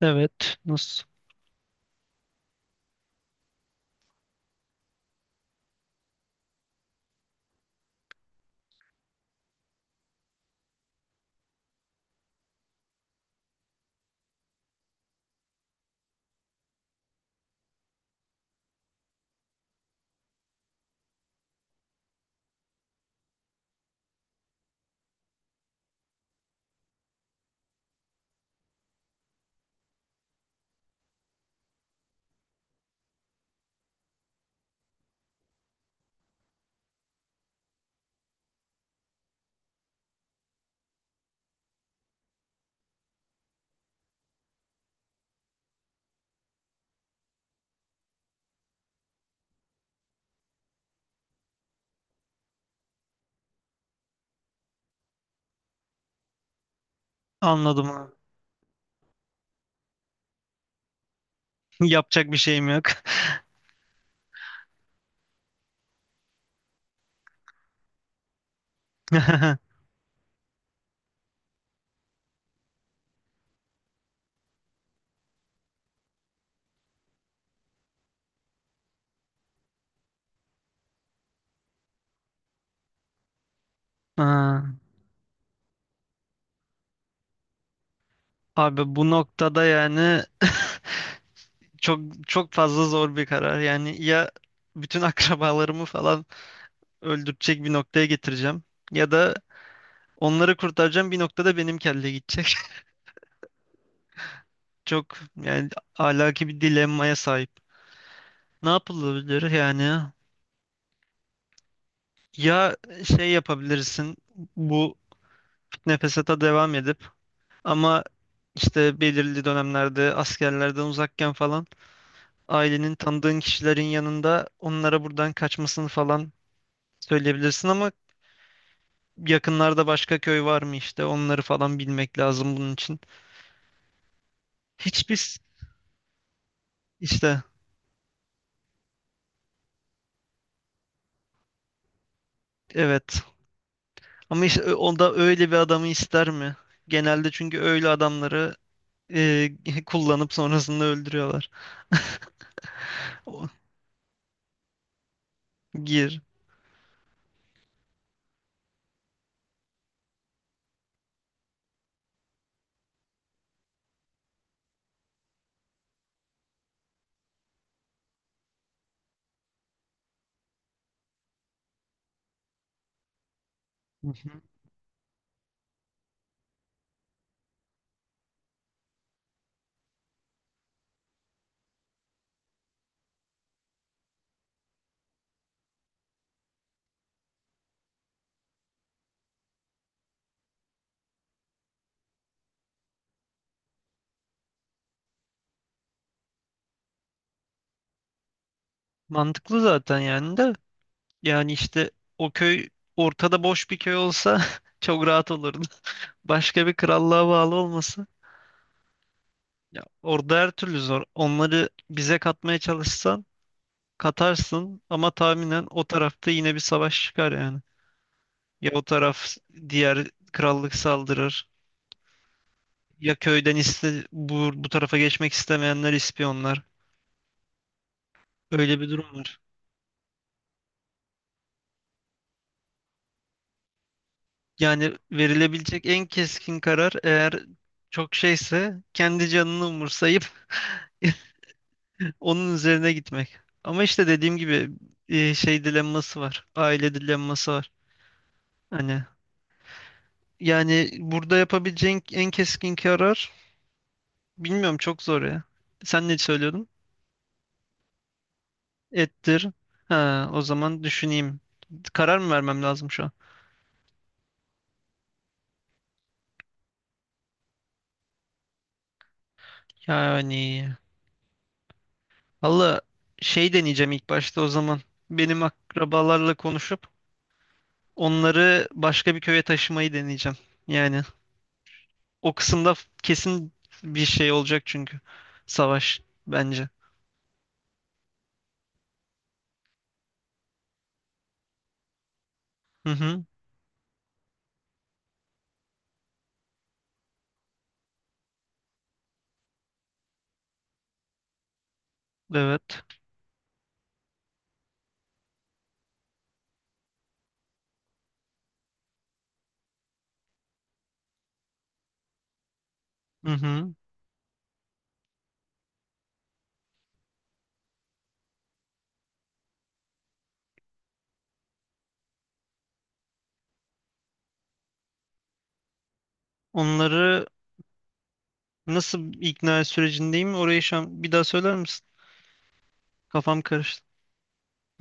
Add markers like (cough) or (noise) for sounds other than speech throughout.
Evet. Nasıl? Anladım abi. (laughs) Yapacak bir şeyim yok. (laughs) Ha, abi bu noktada yani (laughs) çok çok fazla zor bir karar. Yani ya bütün (laughs) akrabalarımı falan öldürecek bir noktaya getireceğim, ya da onları kurtaracağım bir noktada benim kelle gidecek. (laughs) Çok yani alaki bir dilemmaya sahip. Ne yapılabilir yani? Ya şey yapabilirsin, bu nefesata devam edip. Ama işte belirli dönemlerde askerlerden uzakken falan, ailenin tanıdığın kişilerin yanında onlara buradan kaçmasını falan söyleyebilirsin ama, yakınlarda başka köy var mı işte onları falan bilmek lazım bunun için. Hiçbir s- işte evet ama işte o da öyle bir adamı ister mi? Genelde çünkü öyle adamları e, (laughs) kullanıp sonrasında öldürüyorlar. O- gir. Hı hı. Mantıklı zaten yani de. Yani işte o köy ortada boş bir köy olsa (laughs) çok rahat olurdu. Başka bir krallığa bağlı olmasa. Ya orada her türlü zor. Onları bize katmaya çalışsan katarsın ama tahminen o tarafta yine bir savaş çıkar yani. Ya o taraf diğer krallık saldırır. Ya köyden iste, bu tarafa geçmek istemeyenler ispiyonlar. Öyle bir durum var. Yani verilebilecek en keskin karar, eğer çok şeyse, kendi canını umursayıp (laughs) onun üzerine gitmek. Ama işte dediğim gibi şey dilemması var. Aile dilemması var. Hani yani burada yapabileceğin en keskin karar, bilmiyorum, çok zor ya. Sen ne söylüyordun? Ettir. Ha, o zaman düşüneyim. Karar mı vermem lazım şu an? Yani valla, şey deneyeceğim ilk başta o zaman. Benim akrabalarla konuşup onları başka bir köye taşımayı deneyeceğim. Yani o kısımda kesin bir şey olacak çünkü. Savaş bence. Hı hı. Evet. Hı hı. Onları nasıl ikna sürecindeyim? Orayı şu an bir daha söyler misin? Kafam karıştı.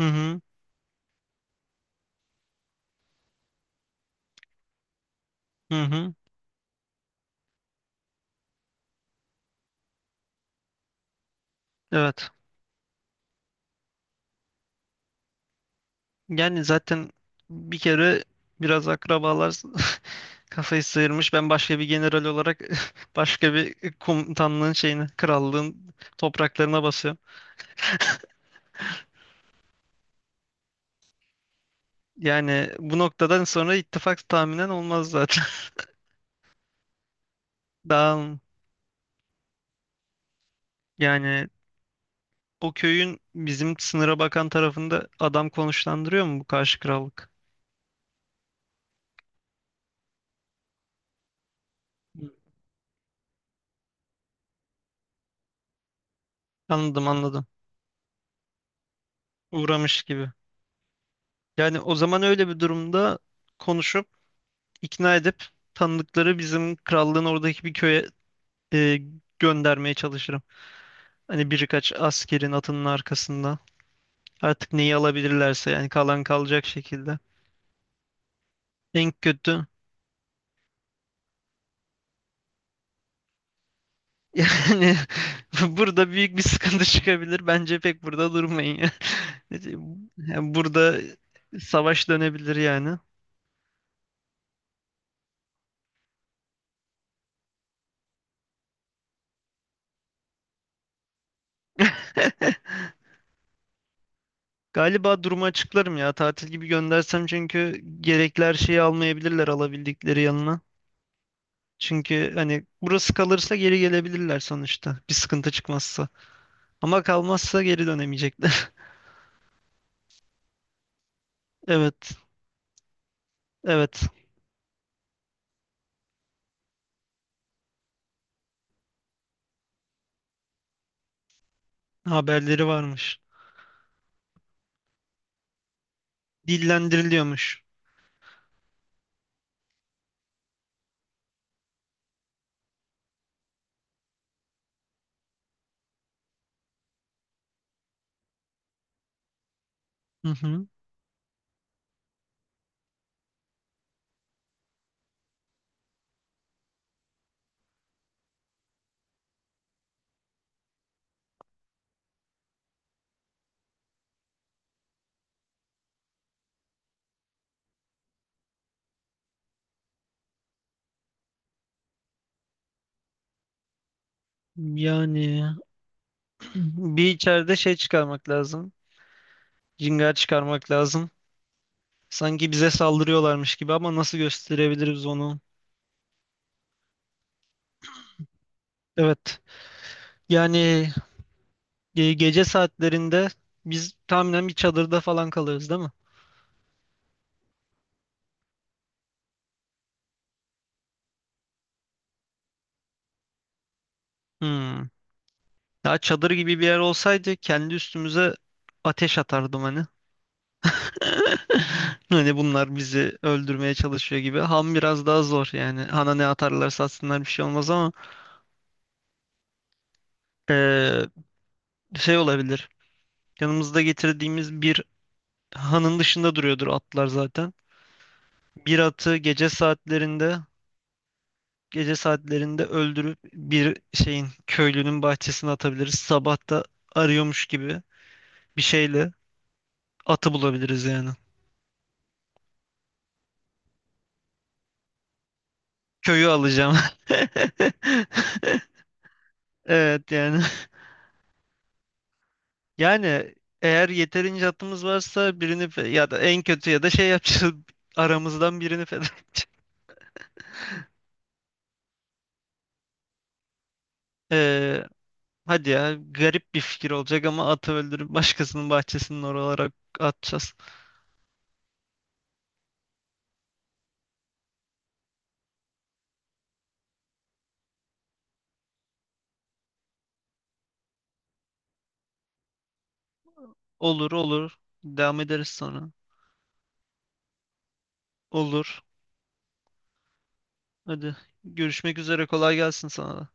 Hı hı. Hı hı. Evet. Yani zaten bir kere biraz akrabalar (laughs) kafayı sıyırmış. Ben başka bir general olarak (laughs) başka bir komutanlığın şeyine, krallığın topraklarına basıyorum. Yani bu noktadan sonra ittifak tahminen olmaz zaten. (laughs) Daha. Yani o köyün bizim sınıra bakan tarafında adam konuşlandırıyor mu bu karşı krallık? Hı. Anladım. Uğramış gibi. Yani o zaman öyle bir durumda konuşup, ikna edip, tanıdıkları bizim krallığın oradaki bir köye e, göndermeye çalışırım. Hani birkaç askerin atının arkasında. Artık neyi alabilirlerse yani, kalan kalacak şekilde. En kötü. Yani (laughs) burada büyük bir sıkıntı çıkabilir. Bence pek burada durmayın ya. (laughs) Yani burada savaş dönebilir yani. (laughs) Galiba durumu açıklarım ya. Tatil gibi göndersem çünkü gerekli her şeyi almayabilirler alabildikleri yanına. Çünkü hani burası kalırsa geri gelebilirler sonuçta. Bir sıkıntı çıkmazsa. Ama kalmazsa geri dönemeyecekler. (laughs) Evet. Evet. Haberleri varmış. Dillendiriliyormuş. Hı hı. Yani bir içeride şey çıkarmak lazım. Cingar çıkarmak lazım. Sanki bize saldırıyorlarmış gibi, ama nasıl gösterebiliriz onu? Evet. Yani gece saatlerinde biz tahminen bir çadırda falan kalırız değil mi? Hmm. Ya çadır gibi bir yer olsaydı kendi üstümüze ateş atardım hani. (laughs) Hani bunlar bizi öldürmeye çalışıyor gibi. Ham biraz daha zor yani. Hana ne atarlarsa atsınlar bir şey olmaz ama eee, şey olabilir. Yanımızda getirdiğimiz bir Han'ın dışında duruyordur atlar zaten. Bir atı gece saatlerinde öldürüp bir şeyin köylünün bahçesine atabiliriz. Sabah da arıyormuş gibi bir şeyle atı bulabiliriz yani. Köyü alacağım. (laughs) Evet yani. Yani eğer yeterince atımız varsa birini ya da en kötü ya da şey yapacağız. (laughs) Aramızdan birini feda edeceğiz. Ee, hadi ya, garip bir fikir olacak ama atı öldürüp başkasının bahçesinin oralara atacağız. Olur olur. Devam ederiz sonra. Olur. Hadi, görüşmek üzere, kolay gelsin sana da.